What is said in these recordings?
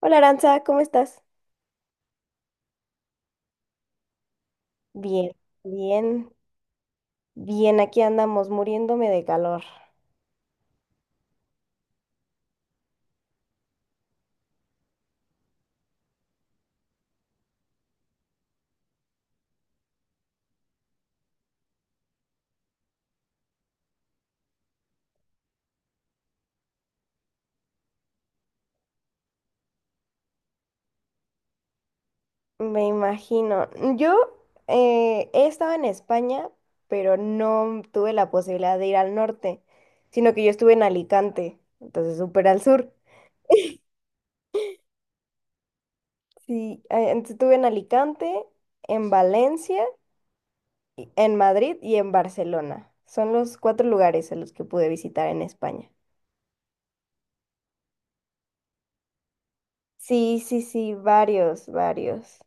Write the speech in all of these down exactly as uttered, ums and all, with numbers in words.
Hola Aranza, ¿cómo estás? Bien, bien, bien, aquí andamos muriéndome de calor. Me imagino. Yo eh, he estado en España, pero no tuve la posibilidad de ir al norte, sino que yo estuve en Alicante, entonces súper al sur. Sí, eh, entonces estuve en Alicante, en Valencia, y- en Madrid y en Barcelona. Son los cuatro lugares a los que pude visitar en España. Sí, sí, sí, varios, varios.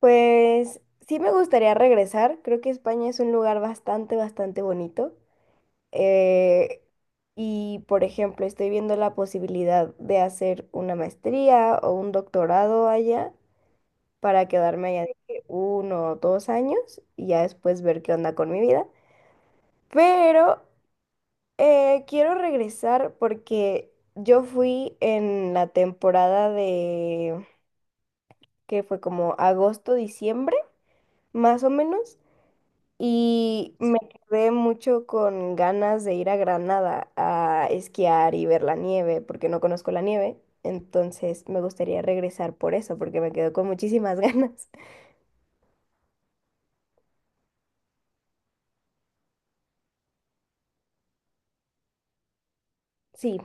Pues sí me gustaría regresar. Creo que España es un lugar bastante, bastante bonito. Eh, y, por ejemplo, estoy viendo la posibilidad de hacer una maestría o un doctorado allá para quedarme allá de que uno o dos años y ya después ver qué onda con mi vida. Pero eh, quiero regresar porque yo fui en la temporada de que fue como agosto, diciembre, más o menos. Y me quedé mucho con ganas de ir a Granada a esquiar y ver la nieve, porque no conozco la nieve. Entonces me gustaría regresar por eso, porque me quedo con muchísimas ganas. Sí,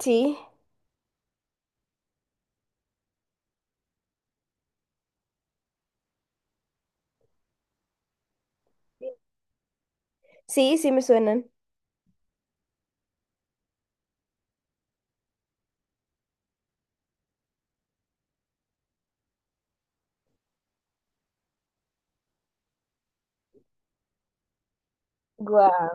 sí, sí, sí me suenan. Guau,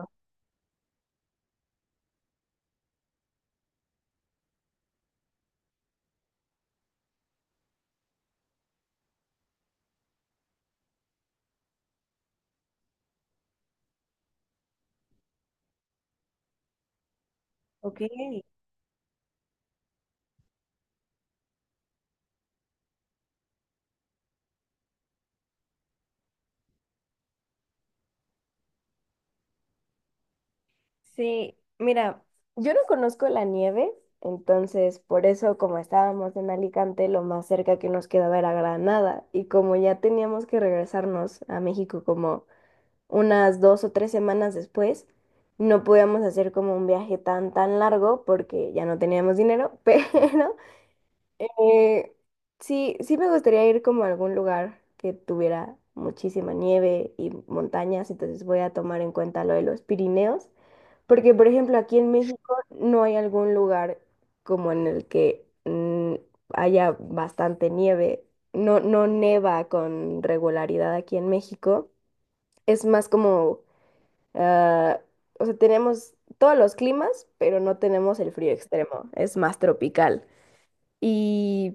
Ok. Sí. Mira, yo no conozco la nieve, entonces por eso como estábamos en Alicante, lo más cerca que nos quedaba era Granada. Y como ya teníamos que regresarnos a México como unas dos o tres semanas después, no podíamos hacer como un viaje tan, tan largo porque ya no teníamos dinero, pero eh, sí, sí me gustaría ir como a algún lugar que tuviera muchísima nieve y montañas, entonces voy a tomar en cuenta lo de los Pirineos, porque por ejemplo aquí en México no hay algún lugar como en el que mm, haya bastante nieve, no, no neva con regularidad aquí en México. Es más como. Ah, o sea, tenemos todos los climas, pero no tenemos el frío extremo, es más tropical. Y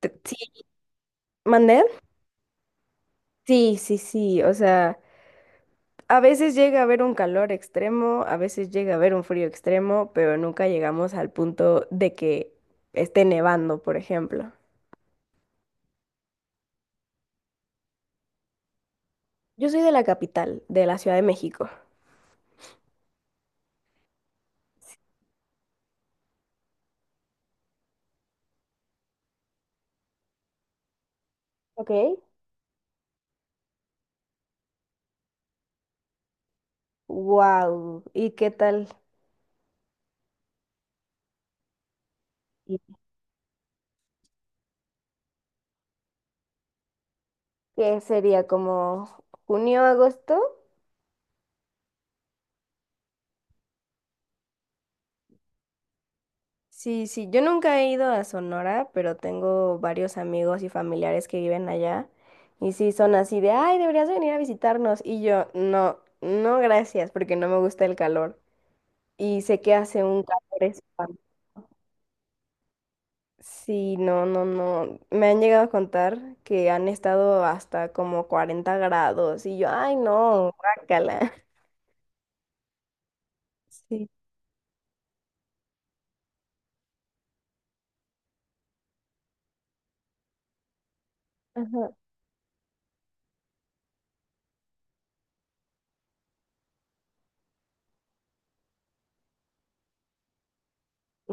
te- sí, ¿mandé? Sí, sí, sí, o sea, a veces llega a haber un calor extremo, a veces llega a haber un frío extremo, pero nunca llegamos al punto de que esté nevando, por ejemplo. Yo soy de la capital, de la Ciudad de México. Ok. Wow, ¿y qué tal? Y ¿qué sería como junio, agosto? Sí, sí, yo nunca he ido a Sonora, pero tengo varios amigos y familiares que viven allá. Y sí, son así de, ay, deberías venir a visitarnos. Y yo, no, no, gracias, porque no me gusta el calor. Y sé que hace un calor espantoso. Sí, no, no, no. Me han llegado a contar que han estado hasta como cuarenta grados. Y yo, ay, no, guácala. Sí, ajá.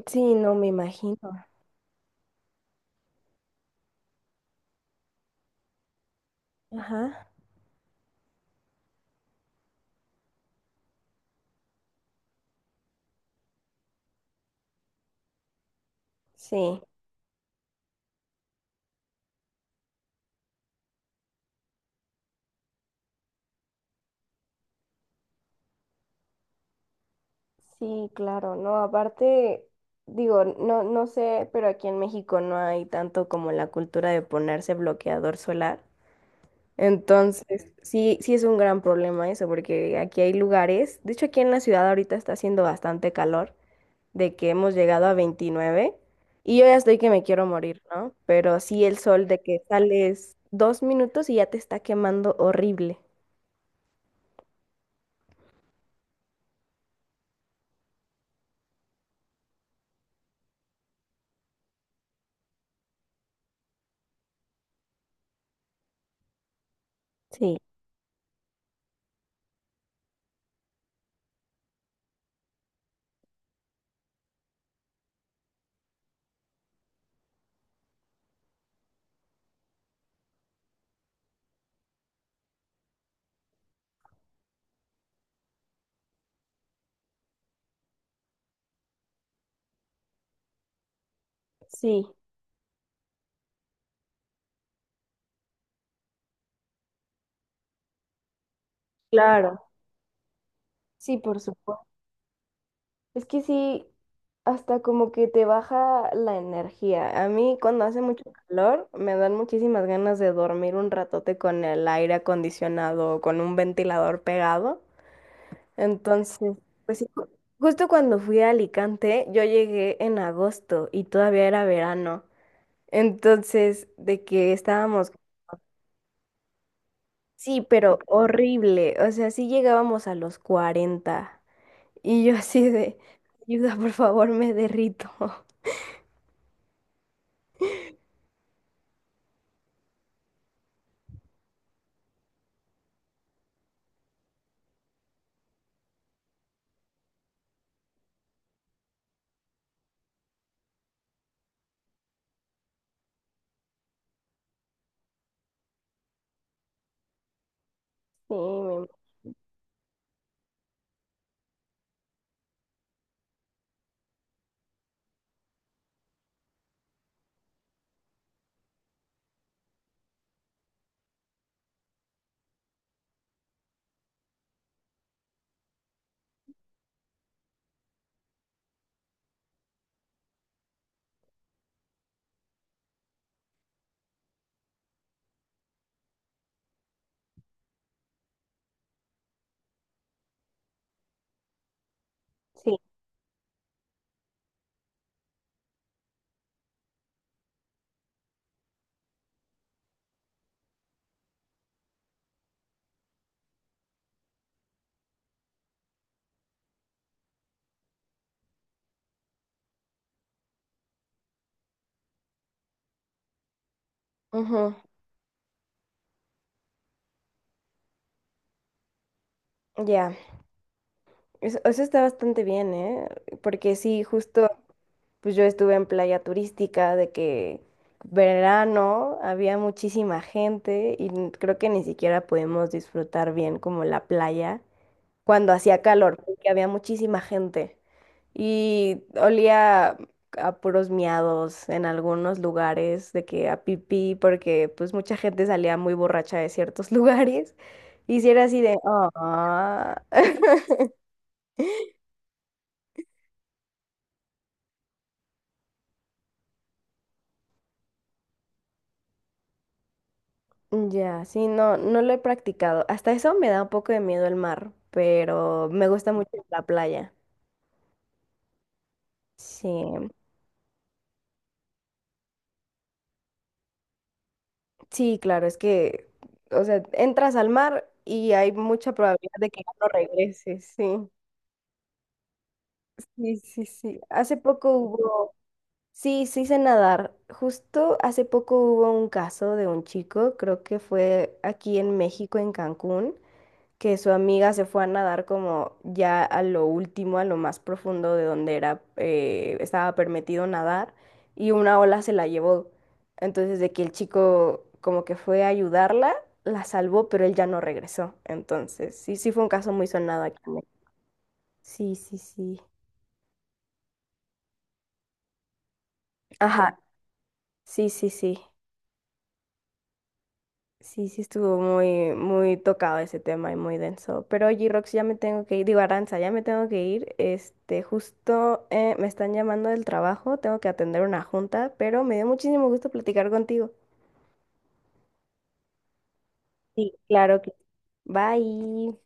Sí, no me imagino. Ajá. Sí. Sí, claro, no, aparte, digo, no, no sé, pero aquí en México no hay tanto como la cultura de ponerse bloqueador solar. Entonces, sí, sí es un gran problema eso, porque aquí hay lugares, de hecho aquí en la ciudad ahorita está haciendo bastante calor, de que hemos llegado a veintinueve. Y yo ya estoy que me quiero morir, ¿no? Pero sí el sol de que sales dos minutos y ya te está quemando horrible. Sí, sí, claro, sí, por supuesto. Es que sí, hasta como que te baja la energía. A mí cuando hace mucho calor me dan muchísimas ganas de dormir un ratote con el aire acondicionado o con un ventilador pegado. Entonces, pues sí, ju- justo cuando fui a Alicante, yo llegué en agosto y todavía era verano. Entonces, de que estábamos, sí, pero horrible. O sea, sí llegábamos a los cuarenta y yo así de, ayuda, por favor, me derrito. Sí, me Sí, ujú, ya. Eso, eso está bastante bien, ¿eh? Porque sí, justo, pues yo estuve en playa turística de que verano había muchísima gente y n- creo que ni siquiera pudimos disfrutar bien como la playa cuando hacía calor, porque había muchísima gente y olía a puros miados en algunos lugares, de que a pipí, porque pues mucha gente salía muy borracha de ciertos lugares. Y si era así de, "Ah". Ya, sí, no, no lo he practicado. Hasta eso me da un poco de miedo el mar, pero me gusta mucho la playa. Sí, sí, claro, es que, o sea, entras al mar y hay mucha probabilidad de que ya no regreses, sí. Sí, sí, sí. Hace poco hubo, sí, sí sé nadar. Justo hace poco hubo un caso de un chico, creo que fue aquí en México, en Cancún. Que su amiga se fue a nadar como ya a lo último, a lo más profundo de donde era, eh, estaba permitido nadar, y una ola se la llevó. Entonces, de que el chico como que fue a ayudarla, la salvó, pero él ya no regresó. Entonces, sí, sí fue un caso muy sonado aquí en México. Sí, sí, sí. Ajá, sí, sí, sí. Sí, sí estuvo muy, muy tocado ese tema y muy denso. Pero oye, Rox, ya me tengo que ir, digo, Aranza, ya me tengo que ir. Este, justo eh, me están llamando del trabajo, tengo que atender una junta, pero me dio muchísimo gusto platicar contigo. Sí, claro que. Bye.